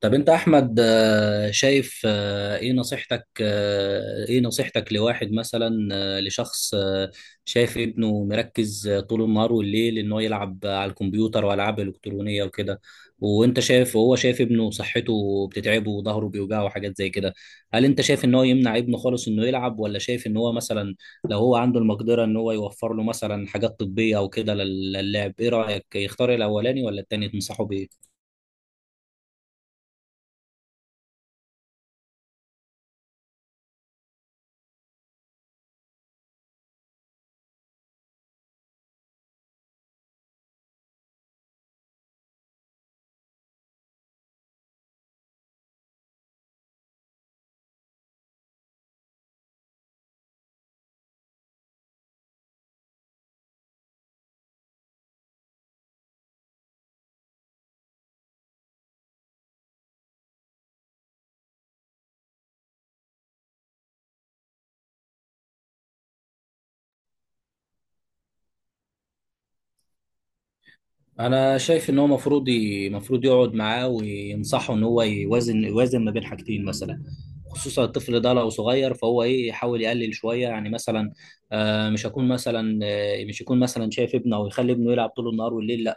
طب انت احمد، شايف، ايه نصيحتك لواحد مثلا، لشخص، شايف ابنه مركز، طول النهار والليل ان هو يلعب على الكمبيوتر والعاب الكترونيه وكده. وانت شايف، وهو شايف ابنه صحته بتتعبه وظهره بيوجعه وحاجات زي كده. هل انت شايف ان هو يمنع ابنه خالص انه يلعب، ولا شايف ان هو مثلا لو هو عنده المقدره ان هو يوفر له مثلا حاجات طبيه او كده للعب؟ ايه رايك، يختار الاولاني ولا التاني تنصحه بيه؟ انا شايف ان هو مفروض مفروض يقعد معاه وينصحه ان هو يوازن ما بين حاجتين مثلا. خصوصا الطفل ده لو صغير، فهو ايه، يحاول يقلل شويه يعني. مثلا، مش يكون مثلا شايف ابنه او يخلي ابنه يلعب طول النهار والليل، لا.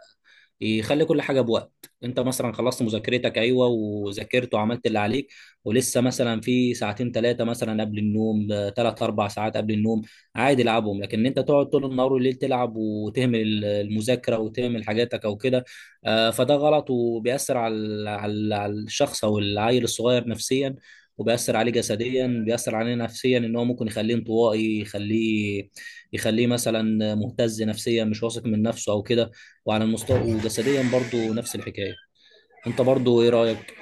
يخلي كل حاجه بوقت. انت مثلا خلصت مذاكرتك، ايوه، وذاكرت وعملت اللي عليك، ولسه مثلا في ساعتين ثلاثه مثلا قبل النوم، ثلاث اربع ساعات قبل النوم، عادي العبهم. لكن إن انت تقعد طول النهار والليل تلعب وتهمل المذاكره وتهمل حاجاتك او كده، فده غلط وبيأثر على على الشخص او العيل الصغير نفسيا، وبيأثر عليه جسديا، بيأثر عليه نفسيا ان هو ممكن يخليه انطوائي، يخليه مثلا مهتز نفسيا، مش واثق من نفسه او كده. وعلى المستوى وجسديا برضو نفس الحكايه. انت برضو ايه رايك؟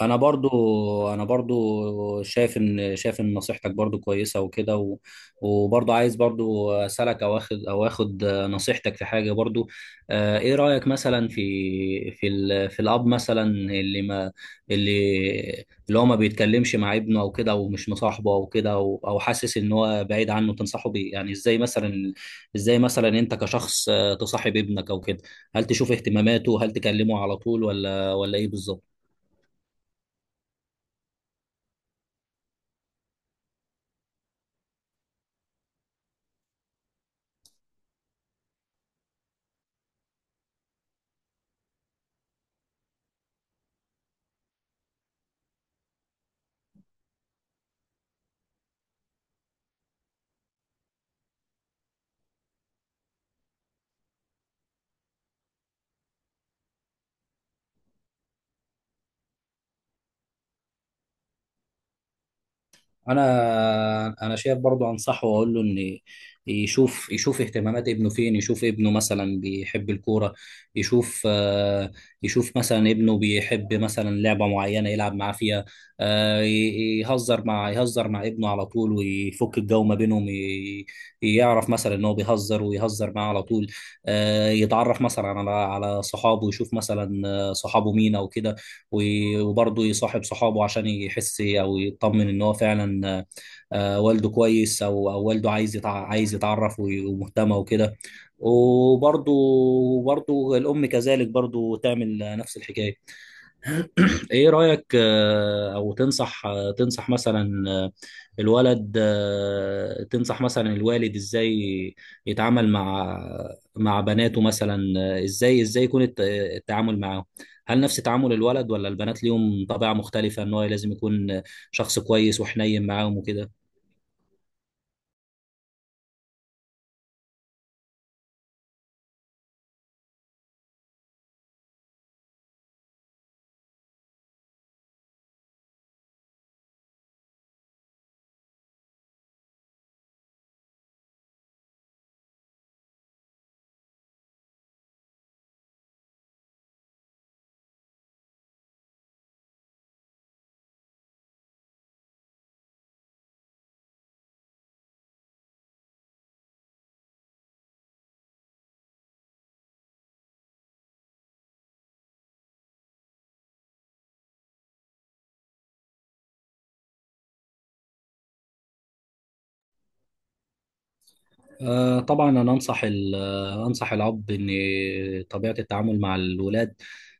انا برضو انا برضو شايف ان، نصيحتك برضو كويسه وكده، و- وبرضو عايز برضو اسالك او اخد او اخد نصيحتك في حاجه برضو. ايه رايك مثلا في في الاب مثلا، اللي ما اللي هو ما بيتكلمش مع ابنه او كده، ومش مصاحبه او كده، او حاسس ان هو بعيد عنه، تنصحه بيه يعني ازاي؟ مثلا، انت كشخص تصاحب ابنك او كده؟ هل تشوف اهتماماته؟ هل تكلمه على طول ولا ايه بالظبط؟ انا شايف برضو، انصحه واقول له ان يشوف اهتمامات ابنه فين. يشوف ابنه مثلا بيحب الكوره، يشوف، يشوف مثلا ابنه بيحب مثلا لعبه معينه يلعب معاه فيها. يهزر مع ابنه على طول ويفك الجو ما بينهم. يعرف مثلا ان هو بيهزر، ويهزر معاه على طول. يتعرف مثلا على صحابه، يشوف مثلا صحابه مين او كده. و- وبرضه يصاحب صحابه عشان يحس او يطمن ان هو فعلا والده كويس، او والده عايز عايز يتعرف، ومهتمه وكده. وبرضه، الام كذلك برضه تعمل نفس الحكايه. ايه رأيك؟ آه، او تنصح آه، تنصح مثلا، آه، الولد آه، تنصح مثلا الوالد ازاي يتعامل مع بناته مثلا؟ ازاي يكون التعامل معاهم؟ هل نفس تعامل الولد، ولا البنات ليهم طبيعة مختلفة ان هو لازم يكون شخص كويس وحنين معاهم وكده؟ طبعا، انا انصح ال- آه، انصح الاب ان طبيعة التعامل مع الولاد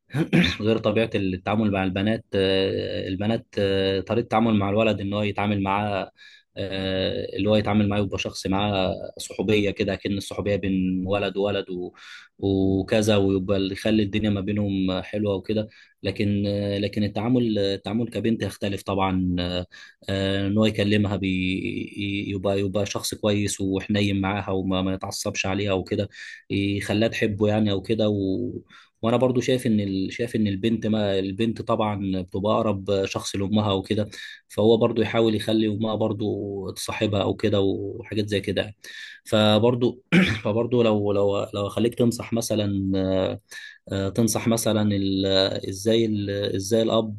غير طبيعة التعامل مع البنات. طريقة التعامل مع الولد ان هو يتعامل معاه، آه، اللي هو يتعامل معاه يبقى شخص معاه صحوبية كده، كأن الصحوبية بين ولد وولد و- وكذا، ويبقى اللي يخلي الدنيا ما بينهم حلوة وكده. لكن التعامل كبنت يختلف طبعا. ان هو يكلمها، يبقى شخص كويس وحنين معاها، وما ما يتعصبش عليها وكده، يخليها تحبه يعني او كده. وانا برضو شايف ان، البنت، ما البنت طبعا بتبقى اقرب شخص لامها وكده. فهو برضو يحاول يخلي امها برضو تصاحبها او كده، وحاجات زي كده يعني. فبرضو فبرضو لو خليك تنصح مثلا، آه، آه، تنصح مثلا ال... ازاي ال... ازاي الاب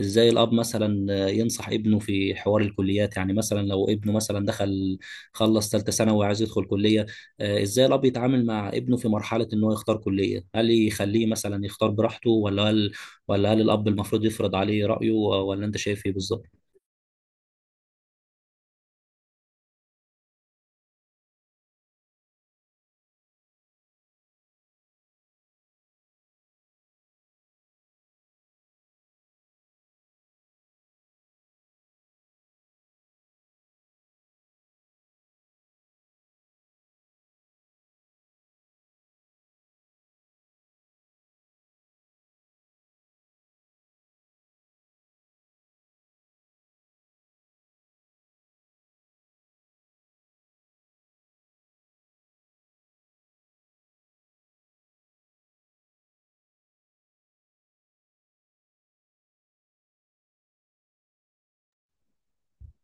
ازاي الاب مثلا ينصح ابنه في حوار الكليات يعني، مثلا لو ابنه مثلا دخل، خلص ثالثه ثانوي وعايز يدخل كليه. ازاي الاب يتعامل مع ابنه في مرحله ان هو يختار كليه؟ هل يخليه مثلا يختار براحته، ولا هل الاب المفروض يفرض عليه رايه، ولا انت شايف ايه بالظبط؟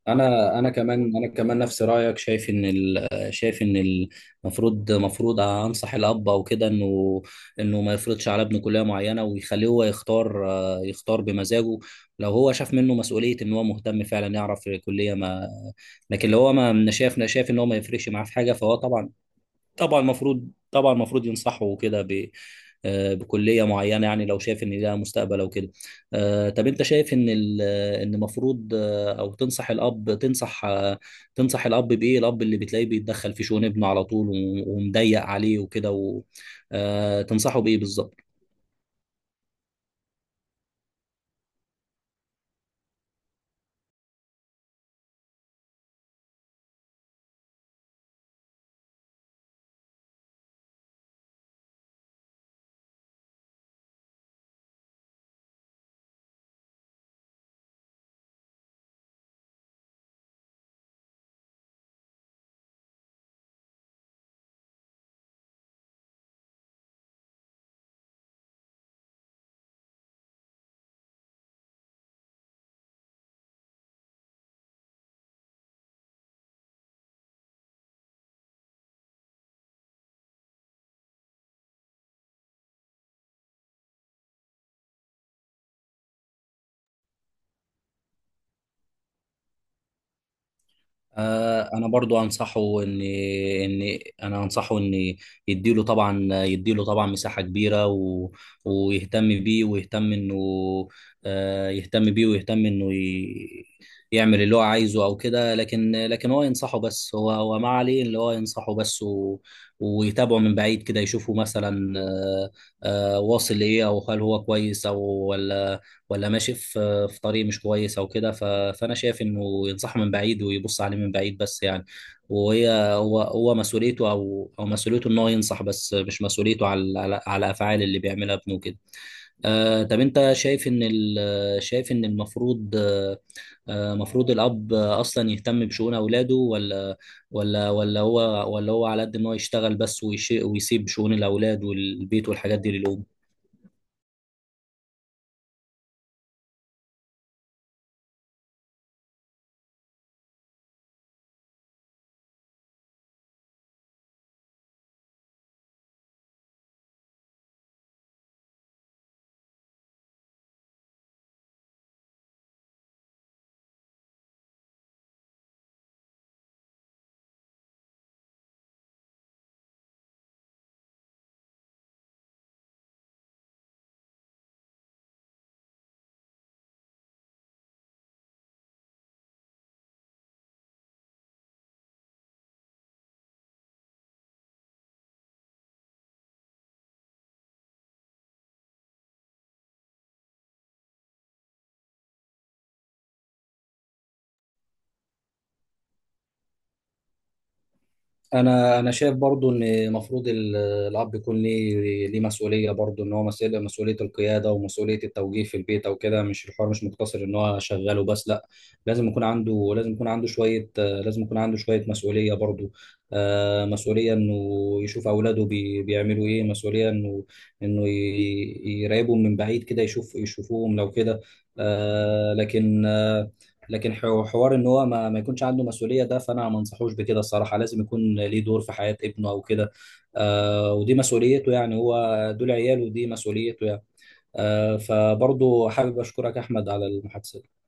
انا كمان نفس رايك. شايف ان شايف ان المفروض، انصح الاب او كده انه، ما يفرضش على ابنه كليه معينه، ويخليه هو يختار، يختار بمزاجه. لو هو شاف منه مسؤوليه ان هو مهتم فعلا يعرف كليه ما. لكن لو هو ما ما شاف شايف ان هو ما يفرقش معاه في حاجه، فهو طبعا، المفروض ينصحوا كده ب، بكليه معينه يعني، لو شايف ان ليها مستقبل او كده. طب انت شايف ان، المفروض، آه، او تنصح الاب تنصح آه، تنصح الاب بايه؟ الاب اللي بتلاقيه بيتدخل في شؤون ابنه على طول، و- ومضيق عليه وكده، و- تنصحه بايه بالظبط؟ انا برضو انصحه ان ان انا انصحه ان يديله طبعا يديله طبعا مساحه كبيره، و... ويهتم بيه، ويهتم انه، آه، يهتم بيه ويهتم انه ي... يعمل اللي هو عايزه او كده. لكن هو ما عليه اللي هو ينصحه بس، و... ويتابعه من بعيد كده، يشوفه مثلا، واصل لايه، او هل هو كويس، او ولا، ماشي في طريق مش كويس او كده. فانا شايف انه ينصحه من بعيد ويبص عليه من بعيد بس يعني. وهي هو هو مسؤوليته، او مسؤوليته ان هو ينصح بس، مش مسؤوليته على افعال اللي بيعملها ابنه كده. آه، طب انت شايف ان، المفروض، مفروض الاب اصلا يهتم بشؤون اولاده، ولا ولا هو ولا هو على قد ان هو يشتغل بس، ويسيب شؤون الاولاد والبيت والحاجات دي للام؟ انا شايف برضو ان المفروض الاب يكون ليه مسؤوليه برضو، ان هو مسؤوليه، القياده ومسؤوليه التوجيه في البيت او كده. مش الحوار، مش مقتصر ان هو شغال وبس، لا. لازم يكون عنده شويه مسؤوليه برضو، مسؤوليه انه يشوف اولاده بيعملوا ايه، مسؤوليه انه، يراقبهم من بعيد كده، يشوفوهم لو كده. لكن، حوار ان هو ما يكونش عنده مسؤوليه ده، فانا ما انصحوش بكده الصراحه. لازم يكون ليه دور في حياه ابنه او كده. آه، ودي مسؤوليته يعني. هو دول عياله، ودي مسؤوليته يعني. آه، فبرضه حابب اشكرك احمد على المحادثه.